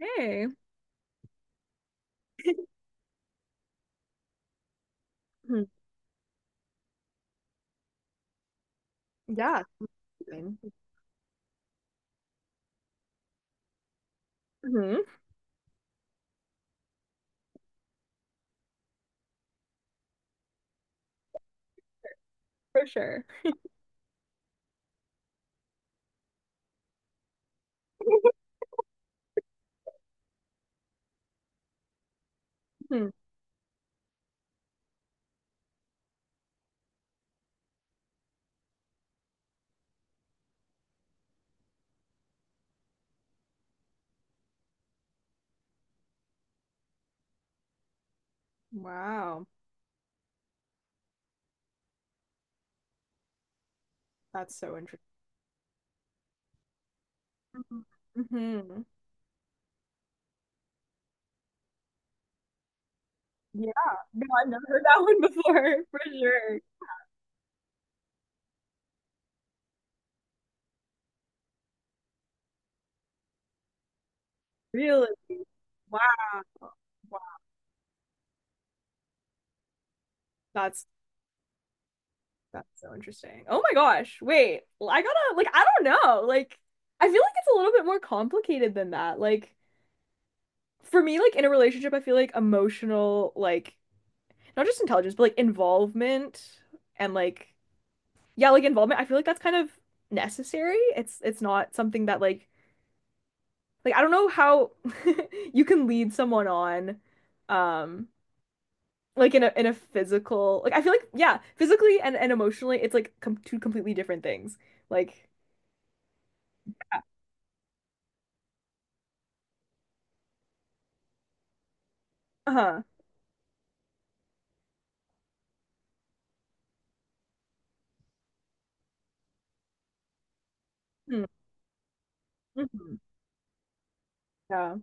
Hey. Mhm. Yeah. Same. Hmm. For sure. Hmm. Wow. That's so interesting. Mm-hmm. Yeah. No, I've never heard that one before. For sure. Really? Wow. Wow. That's that's so interesting. Oh my gosh. Wait. I gotta, like, I don't know. Like, I feel like it's a little bit more complicated than that. Like, for me, like in a relationship, I feel like emotional, like not just intelligence, but like involvement and like, yeah, like involvement, I feel like that's kind of necessary. It's not something that like I don't know how you can lead someone on um like in a physical, like I feel like, yeah, physically and emotionally it's like com two completely different things. Like, yeah, uh-huh. Mm, mhm, yeah.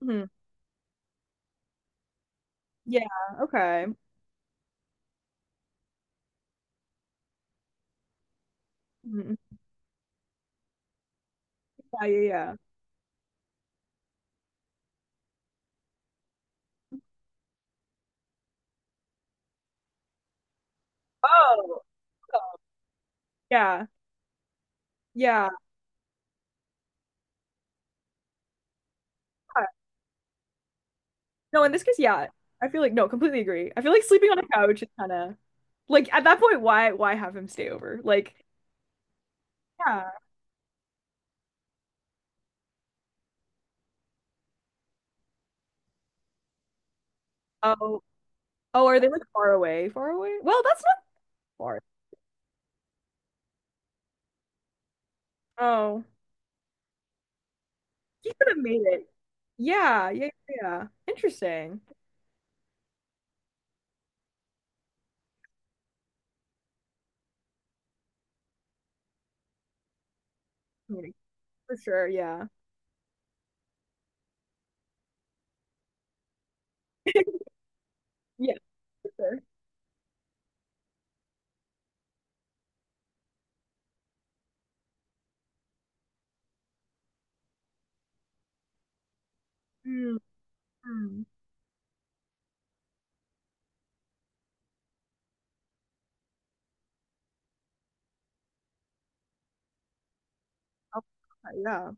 Mhm. Yeah, okay. Mhm. Yeah, yeah, yeah. Oh, yeah. Yeah. No, in this case, yeah. I feel like no, completely agree. I feel like sleeping on a couch is kind of, like, at that point, why have him stay over? Like, yeah. Oh, oh, are they, like, far away? Far away? Well, that's not far. Oh, he could have made it. Yeah, yeah, yeah. Interesting. Community. For sure. Yeah. Yeah. For sure. Mm, mm. Oh, yeah.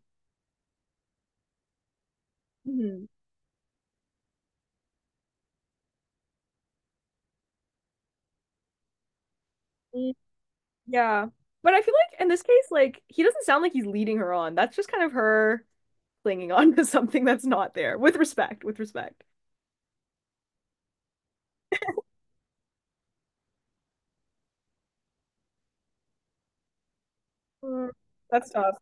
Mhm. Mm. Yeah. But I feel like in this case, like he doesn't sound like he's leading her on. That's just kind of her clinging on to something that's not there, with respect, with respect. Mm, that's tough.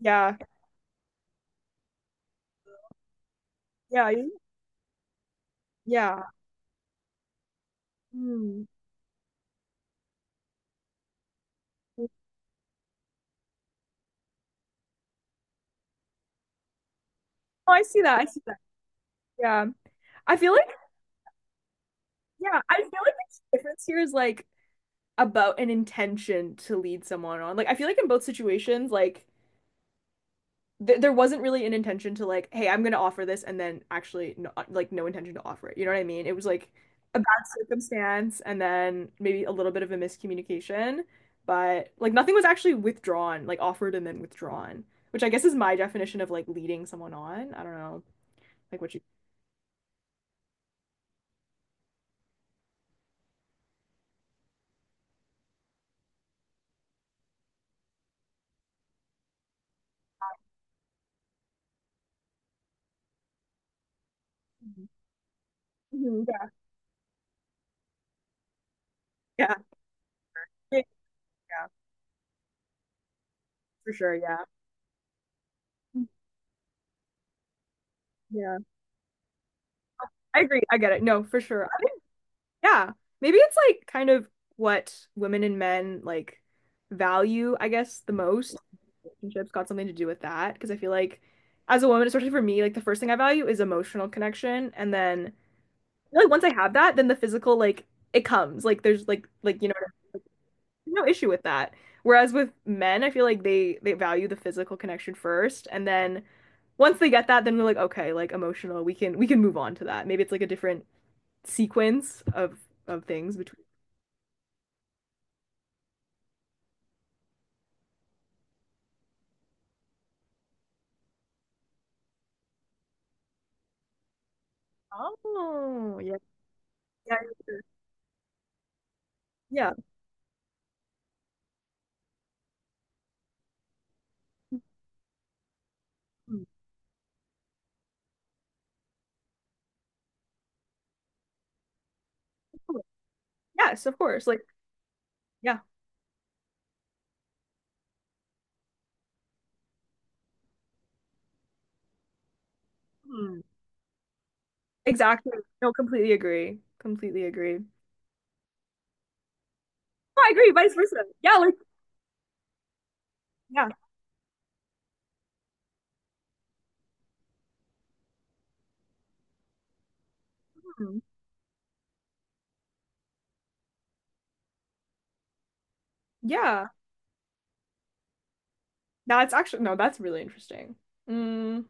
Yeah. Yeah. Yeah. Mm. Oh, I see that. I see that. Yeah. I feel like, yeah, I feel like the difference here is, like, about an intention to lead someone on. Like, I feel like in both situations, like th there wasn't really an intention to, like, hey, I'm gonna offer this, and then actually no, like no intention to offer it. You know what I mean? It was like a bad circumstance, and then maybe a little bit of a miscommunication, but like nothing was actually withdrawn, like offered and then withdrawn, which I guess is my definition of like leading someone on. I don't know, like what you. Mhm. Mhm. Yeah. Yeah. Yeah. Yeah, for sure. Yeah. Yeah. I agree. I get it. No, for sure. Yeah. Maybe it's, like, kind of what women and men, like, value, I guess, the most. Relationships got something to do with that. Because I feel like as a woman, especially for me, like the first thing I value is emotional connection. And then I feel like once I have that, then the physical, like, it comes. Like there's like you know what I mean? Like, no issue with that. Whereas with men, I feel like they value the physical connection first. And then once they get that, then we're like, okay, like emotional, we can move on to that. Maybe it's like a different sequence of things between. Oh, yeah, yeah, yeah. Yeah. Mm. Totally. Yes, of course. Like, yeah. Mm. Exactly. No, completely agree. Completely agree. No, I agree. Vice versa. Yeah, like, yeah. Mm. Yeah. That's actually no, that's really interesting. Mm.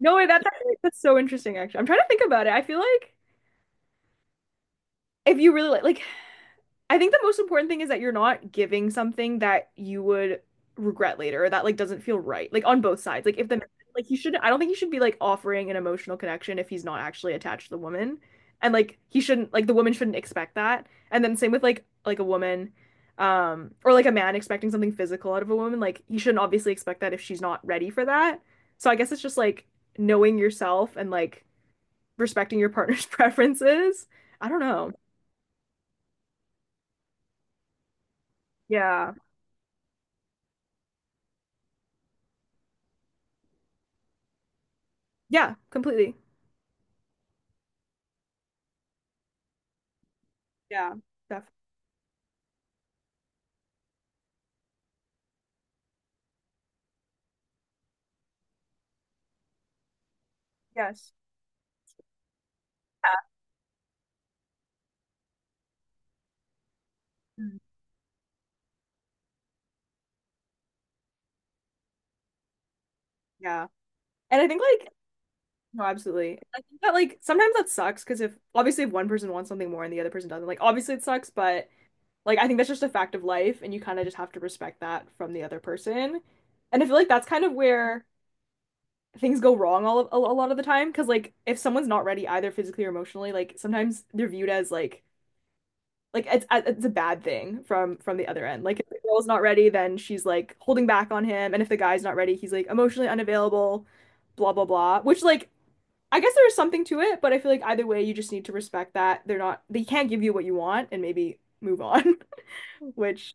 No way. That's so interesting. Actually, I'm trying to think about it. I feel like if you really like, I think the most important thing is that you're not giving something that you would regret later or that, like, doesn't feel right. Like on both sides. Like if the like he should I don't think he should be like offering an emotional connection if he's not actually attached to the woman. And like the woman shouldn't expect that. And then same with like a woman or like a man expecting something physical out of a woman, like he shouldn't obviously expect that if she's not ready for that. So I guess it's just like knowing yourself and like respecting your partner's preferences. I don't know. Yeah. Yeah, completely. Yeah, definitely. Yes. Yeah. Mm. Yeah. And I think, like, no, absolutely. I think that like sometimes that sucks because if obviously if one person wants something more and the other person doesn't, like obviously it sucks, but like I think that's just a fact of life and you kind of just have to respect that from the other person. And I feel like that's kind of where things go wrong a lot of the time because like if someone's not ready either physically or emotionally, like sometimes they're viewed as like it's a bad thing from the other end. Like if the girl's not ready, then she's like holding back on him, and if the guy's not ready, he's like emotionally unavailable, blah blah blah. Which like I guess there is something to it, but I feel like either way, you just need to respect that they can't give you what you want, and maybe move on. Which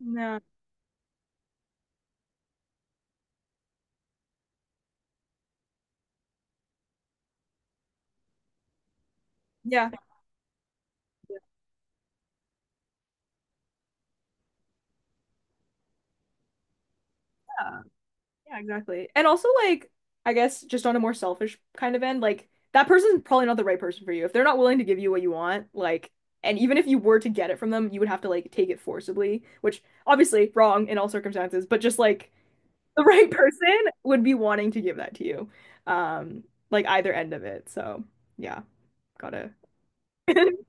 no, yeah. Yeah. Yeah, exactly. And also, like, I guess just on a more selfish kind of end, like, that person's probably not the right person for you. If they're not willing to give you what you want, like, and even if you were to get it from them, you would have to, like, take it forcibly, which obviously wrong in all circumstances, but just like the right person would be wanting to give that to you. Um, like, either end of it. So, yeah, gotta.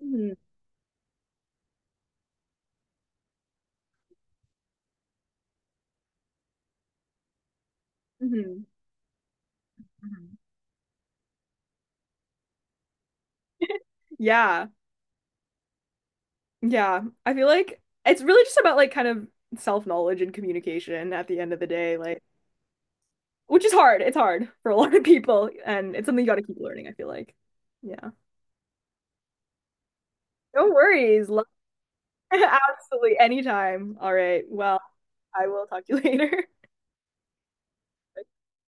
Hmm. Hmm. Yeah. Yeah. I feel like it's really just about, like, kind of self-knowledge and communication at the end of the day. Like, which is hard. It's hard for a lot of people, and it's something you got to keep learning, I feel like. Yeah. No worries. Absolutely. Anytime. All right. Well, I will talk to you later.